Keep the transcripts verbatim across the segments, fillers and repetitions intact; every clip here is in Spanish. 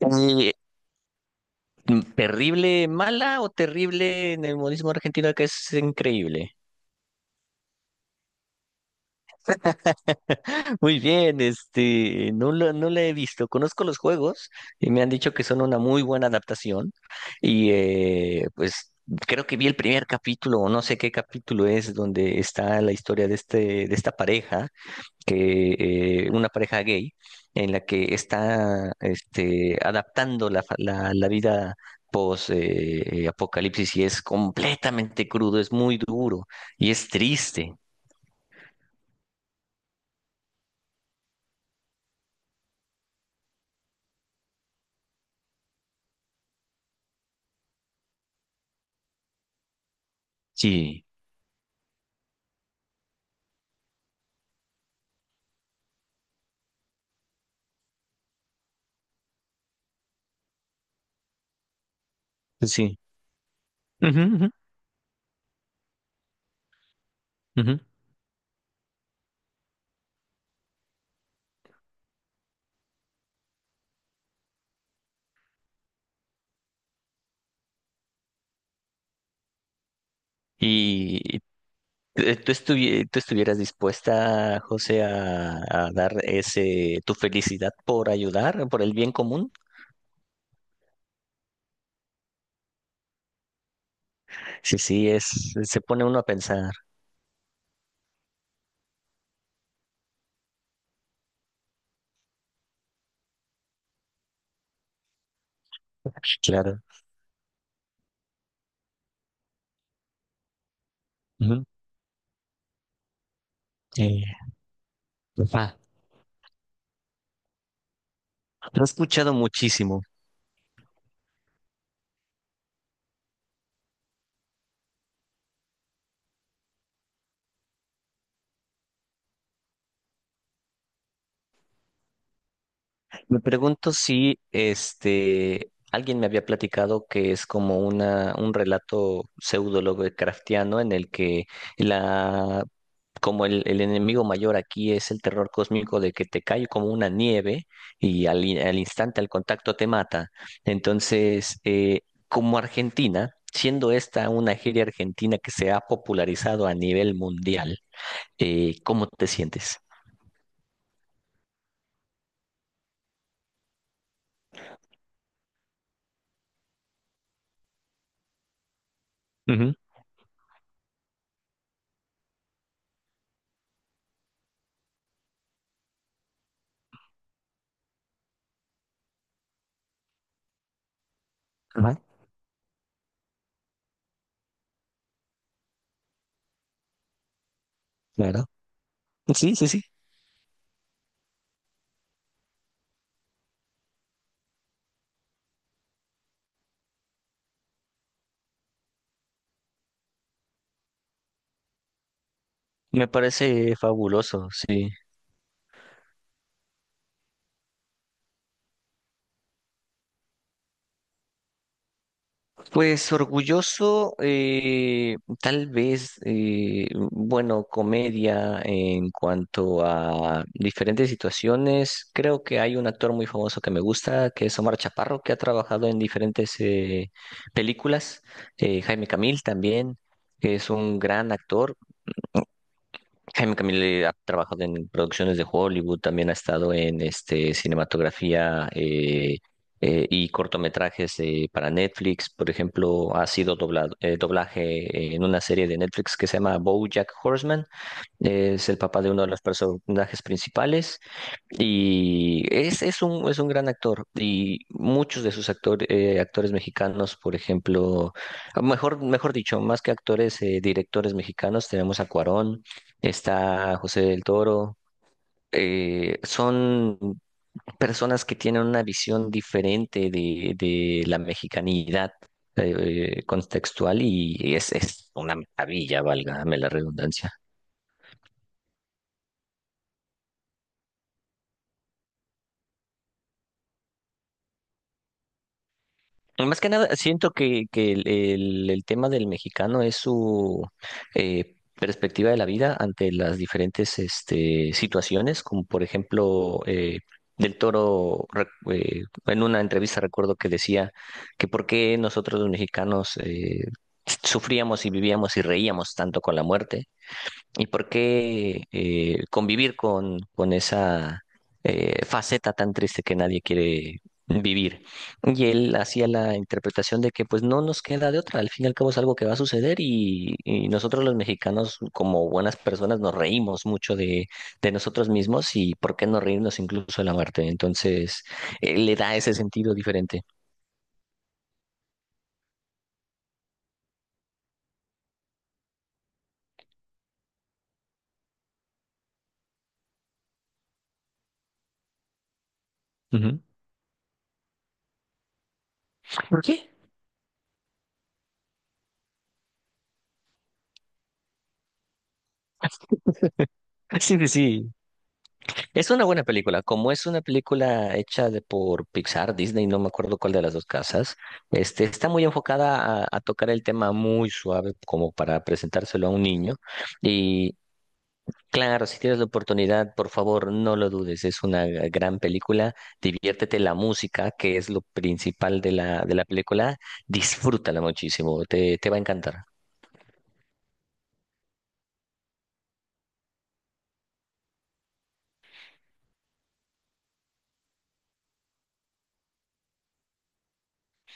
Eh, ¿Terrible mala o terrible en el modismo argentino que es increíble? Muy bien, este, no la, no la he visto. Conozco los juegos y me han dicho que son una muy buena adaptación. Y eh, pues creo que vi el primer capítulo, o no sé qué capítulo es, donde está la historia de este, de esta pareja, que eh, una pareja gay en la que está este, adaptando la, fa- la, la vida post eh, eh, apocalipsis, y es completamente crudo, es muy duro y es triste. Sí, sí. Ujú, ujú, ujú. Y eh, tú, estuvi- tú estuvieras dispuesta, José, a, a dar ese tu felicidad por ayudar, por el bien común. Sí, sí, es, se pone uno a pensar. Claro. Ujú. Eh, Lo he escuchado muchísimo. Me pregunto si este alguien me había platicado que es como una, un relato pseudo Lovecraftiano en el que la como el, el enemigo mayor aquí es el terror cósmico de que te cae como una nieve y al, in- al instante, al contacto te mata. Entonces, eh, como Argentina, siendo esta una serie argentina que se ha popularizado a nivel mundial, eh, ¿cómo te sientes? Ujú. Ajá. Claro. Sí, sí, sí. Me parece fabuloso, sí. Pues orgulloso, eh, tal vez, eh, bueno, comedia en cuanto a diferentes situaciones. Creo que hay un actor muy famoso que me gusta, que es Omar Chaparro, que ha trabajado en diferentes eh, películas. Eh, Jaime Camil también, que es un gran actor. Jaime Camille ha trabajado en producciones de Hollywood, también ha estado en este, cinematografía eh, eh, y cortometrajes eh, para Netflix. Por ejemplo, ha sido doblado, eh, doblaje en una serie de Netflix que se llama BoJack Horseman. Es el papá de uno de los personajes principales y es, es un, es un gran actor. Y muchos de sus actor- eh, actores mexicanos, por ejemplo, ah, mejor, mejor dicho, más que actores, eh, directores mexicanos, tenemos a Cuarón, está José del Toro. Eh, son personas que tienen una visión diferente de, de la mexicanidad eh, eh, contextual, y es, es una maravilla, valga la redundancia. Más que nada, siento que, que el, el- el tema del mexicano es su eh, perspectiva de la vida ante las diferentes este, situaciones, como por ejemplo eh, Del Toro, re- eh, en una entrevista recuerdo que decía que por qué nosotros los mexicanos eh, sufríamos y vivíamos y reíamos tanto con la muerte, y por qué eh, convivir con, con esa eh, faceta tan triste que nadie quiere vivir. Y él hacía la interpretación de que pues no nos queda de otra, al fin y al cabo es algo que va a suceder y, y nosotros los mexicanos como buenas personas nos reímos mucho de, de nosotros mismos, y por qué no reírnos incluso de la muerte. Entonces, eh, le da ese sentido diferente. Ujú. ¿Por qué? Sí, sí, sí. Es una buena película. Como es una película hecha de, por Pixar, Disney, no me acuerdo cuál de las dos casas, este, está muy enfocada a, a tocar el tema muy suave como para presentárselo a un niño. Y claro, si tienes la oportunidad, por favor, no lo dudes. Es una g- gran película. Diviértete la música, que es lo principal de la, de la película. Disfrútala muchísimo. Te, te va a encantar.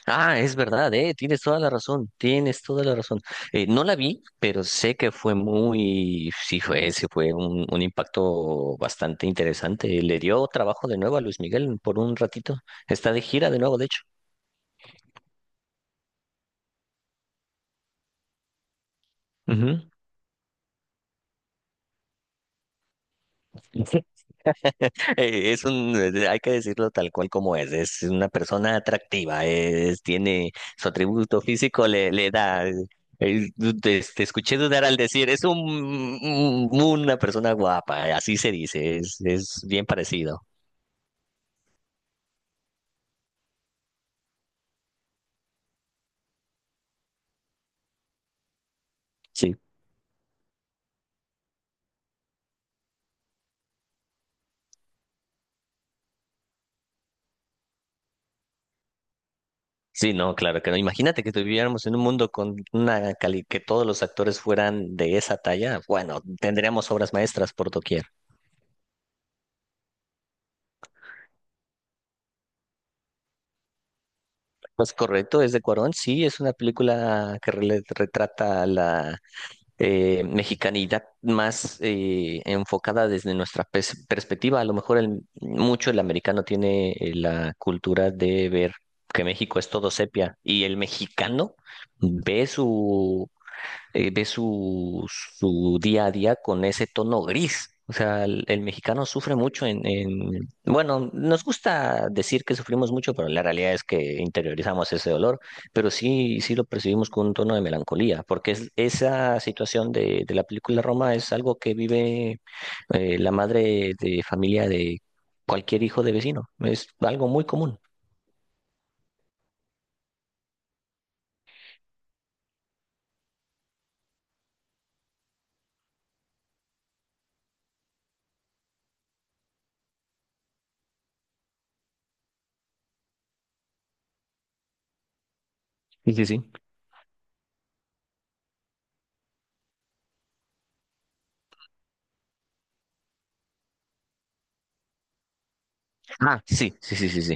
Ah, es verdad, eh, tienes toda la razón, tienes toda la razón. Eh, no la vi, pero sé que fue muy, sí fue, sí fue un, un impacto bastante interesante. Le dio trabajo de nuevo a Luis Miguel por un ratito. Está de gira de nuevo, de hecho. Ujú. Eh, Es un, eh, hay que decirlo tal cual como es, es una persona atractiva, es, tiene su atributo físico, le, le da, eh, eh, te, te escuché dudar al decir, es un, un- una persona guapa, así se dice, es, es bien parecido. Sí, sí, no, claro que no. Imagínate que viviéramos en un mundo con una cali, que todos los actores fueran de esa talla, bueno, tendríamos obras maestras por doquier. Pues correcto, es de Cuarón, sí, es una película que rele- retrata la eh, mexicanidad más eh, enfocada desde nuestra pers- perspectiva. A lo mejor el- mucho el americano tiene eh, la cultura de ver que México es todo sepia, y el mexicano ve su eh, ve su, su día a día con ese tono gris. O sea, el, el mexicano sufre mucho en, en- bueno, nos gusta decir que sufrimos mucho, pero la realidad es que interiorizamos ese dolor, pero sí, sí lo percibimos con un tono de melancolía, porque es, esa situación de, de la película Roma es algo que vive eh, la madre de familia de cualquier hijo de vecino. Es algo muy común. Sí, sí, sí. Ah, sí, sí, sí, sí, sí.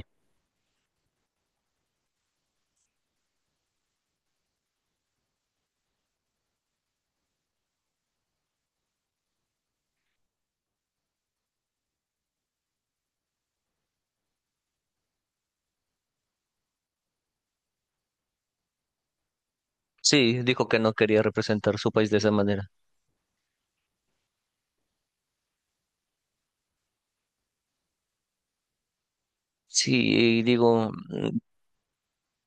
Sí, dijo que no quería representar su país de esa manera. Sí, digo, mm,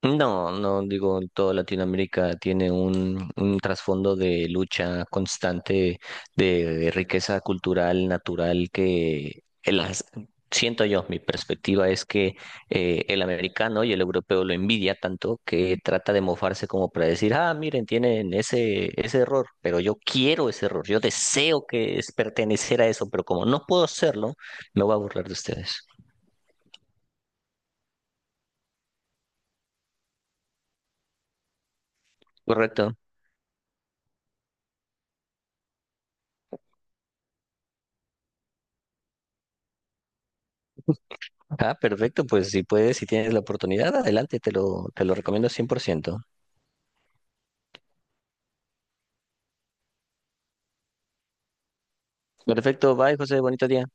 no, no, digo, toda Latinoamérica tiene un, un trasfondo de lucha constante de, riqueza cultural, natural, que el as- siento yo, mi perspectiva es que eh, el americano y el europeo lo envidia tanto que trata de mofarse como para decir, ah, miren, tienen ese, ese error, pero yo quiero ese error, yo deseo que es pertenecer a eso, pero como no puedo hacerlo, me voy a burlar de ustedes. Correcto. Ah, perfecto, pues si puedes, si tienes la oportunidad, adelante, te lo, te lo recomiendo cien por ciento. Perfecto, bye, José, bonito día.